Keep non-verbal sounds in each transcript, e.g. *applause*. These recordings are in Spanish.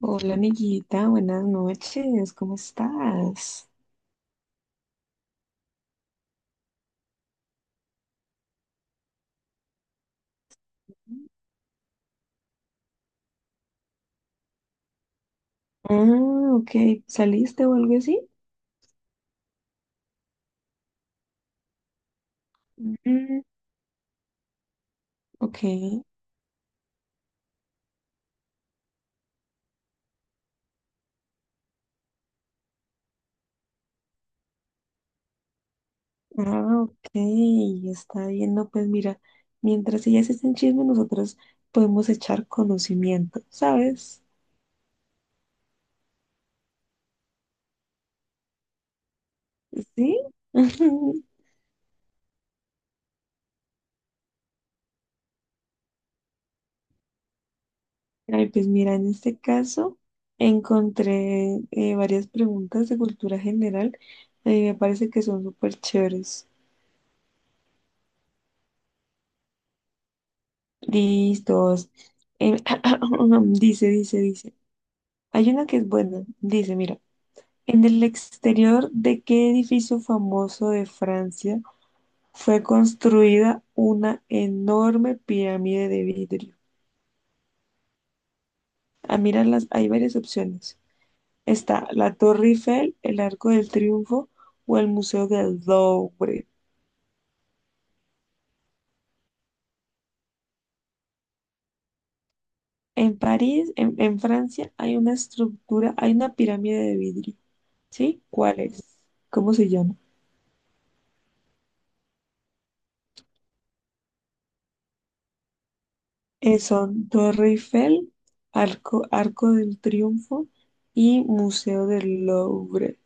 Hola amiguita, buenas noches, ¿cómo estás? Ah, ok, ¿saliste o algo así? Mm, ok, ah, ok, está bien, no, pues mira, mientras ellas estén chisme, nosotros podemos echar conocimiento, ¿sabes? ¿Sí? *laughs* Ay, pues mira, en este caso encontré varias preguntas de cultura general, me parece que son súper chéveres. Listos. Em, *coughs* *clears throat* dice. Hay una que es buena. Dice, mira, ¿en el exterior de qué edificio famoso de Francia fue construida una enorme pirámide de vidrio? Ah, mira, las, hay varias opciones. Está la Torre Eiffel, el Arco del Triunfo o el Museo del Louvre. En París, en Francia, hay una estructura, hay una pirámide de vidrio. ¿Sí? ¿Cuál es? ¿Cómo se llama? Son Torre Eiffel, Arco del Triunfo y Museo del Louvre.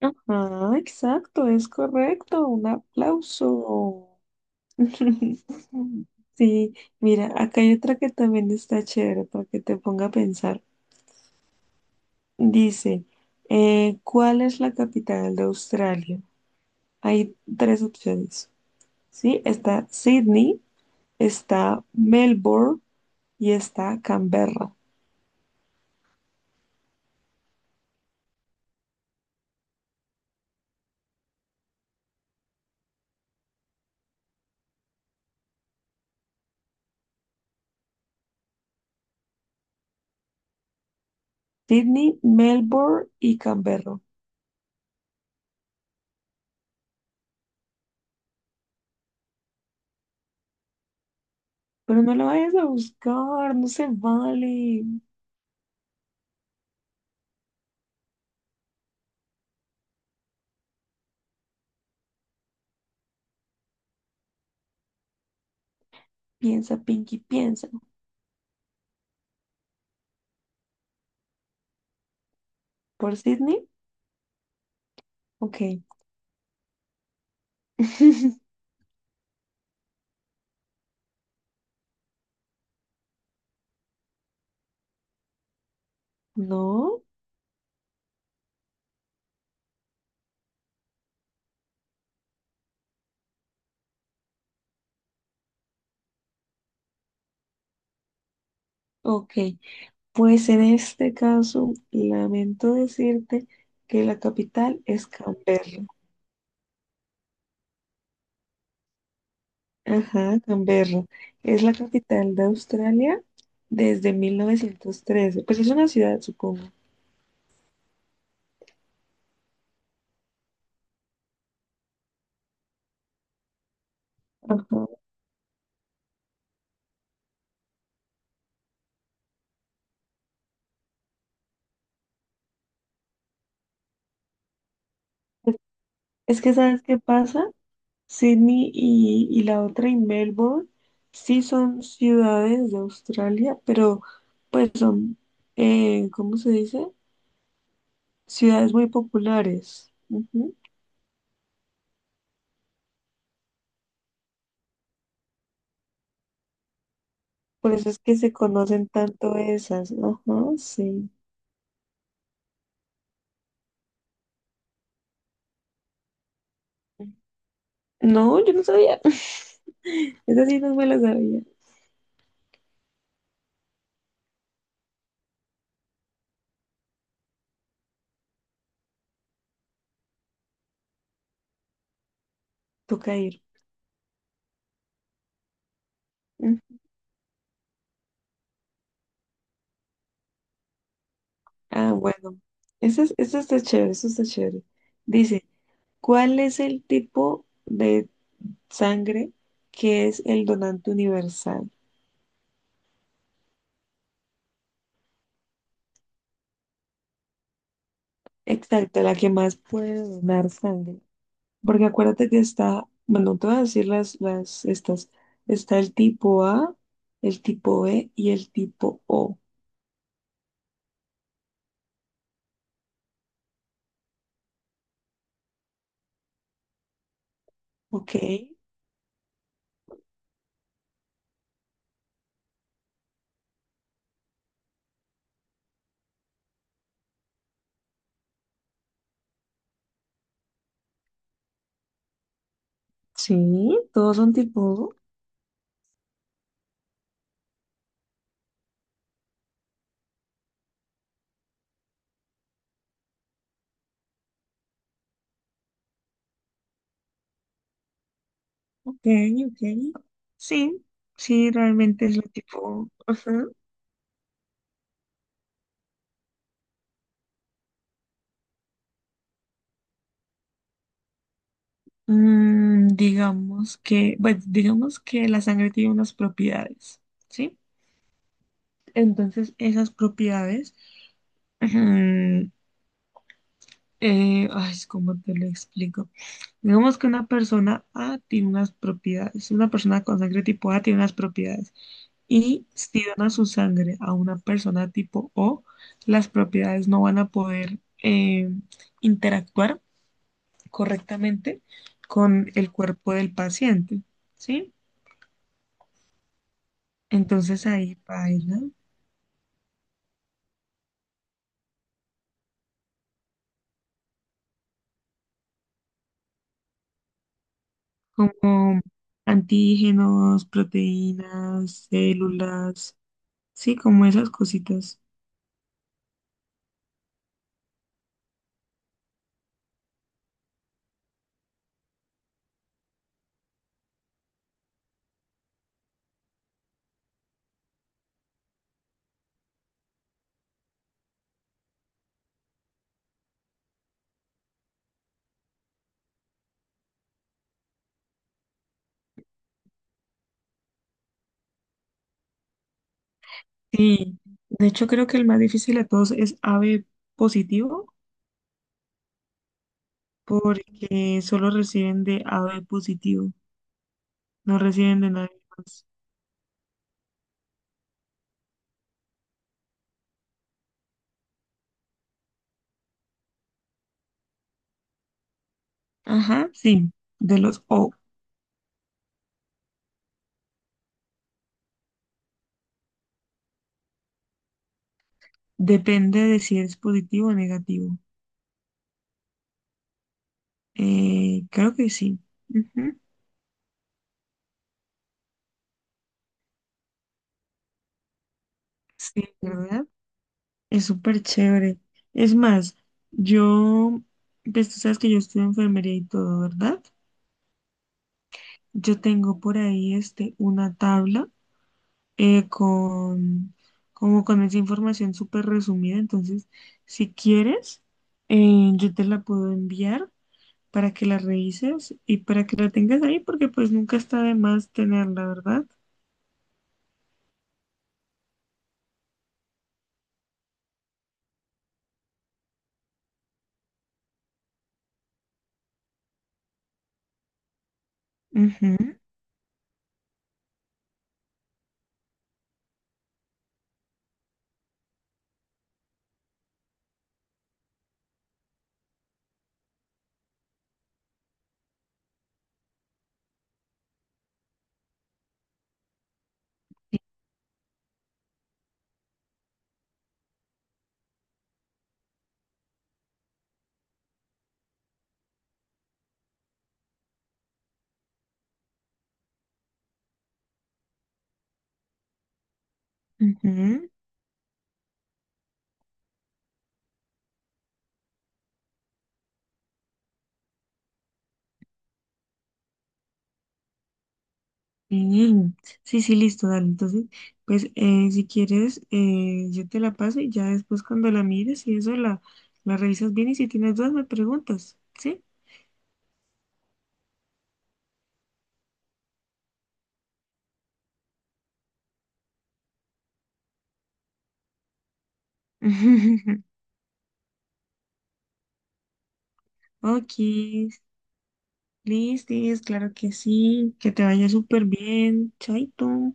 Ajá, exacto, es correcto. Un aplauso. *laughs* Sí, mira, acá hay otra que también está chévere para que te ponga a pensar. Dice, ¿cuál es la capital de Australia? Hay tres opciones, ¿sí? Está Sydney, está Melbourne y está Canberra. Sydney, Melbourne y Canberra. Pero no lo vayas a buscar, no se vale. Piensa, Pinky, piensa. ¿Por Sydney? Ok. *laughs* No, ok. Pues en este caso, lamento decirte que la capital es Canberra. Ajá, Canberra. Es la capital de Australia desde 1913. Pues es una ciudad, supongo. Ajá. Es es que, ¿sabes qué pasa? Sydney y la otra y Melbourne sí son ciudades de Australia, pero pues son, ¿cómo se dice? Ciudades muy populares. Ujú. Por eso es que se conocen tanto esas. Ajá, sí. No, yo no sabía. *laughs* Esa sí no me la sabía. Toca ir. Mm. Ah, bueno. Eso es- eso está chévere, eso está chévere. Dice, ¿cuál es el tipo de sangre, que es el donante universal? Exacto, la que más puede donar sangre. Porque acuérdate que está, bueno, te voy a decir estas. Está el tipo A, el tipo B y el tipo O. Ok, sí, todos son tipo O. Ok, ok. Sí, sí, realmente es lo tipo. Ajá. Mm, digamos que, bueno, digamos que la sangre tiene unas propiedades, ¿sí? Entonces, esas propiedades, ujú. Ay, ¿cómo te lo explico? Digamos que una persona A tiene unas propiedades, una persona con sangre tipo A tiene unas propiedades y si dona su sangre a una persona tipo O, las propiedades no van a poder interactuar correctamente con el cuerpo del paciente, ¿sí? Entonces ahí baila como antígenos, proteínas, células, sí, como esas cositas. Sí, de hecho creo que el más difícil de todos es AB positivo porque solo reciben de AB positivo, no reciben de nadie más. Ajá, sí, de los O. Depende de si es positivo o negativo. Creo que sí. Ujú, sí, ¿verdad? Es súper chévere. Es más, yo, pues tú sabes que yo estudio enfermería y todo, ¿verdad? Yo tengo por ahí este, una tabla con, como con esa información súper resumida. Entonces, si quieres, yo te la puedo enviar para que la revises y para que la tengas ahí, porque pues nunca está de más tenerla, ¿verdad? Ujú, ujú. Sí, sí, sí, listo, dale. Entonces, pues si quieres, yo te la paso y ya después cuando la mires y eso la, la revisas bien y si tienes dudas me preguntas, ¿sí? *laughs* Ok, Listis, claro que sí, que te vaya súper bien, chaito.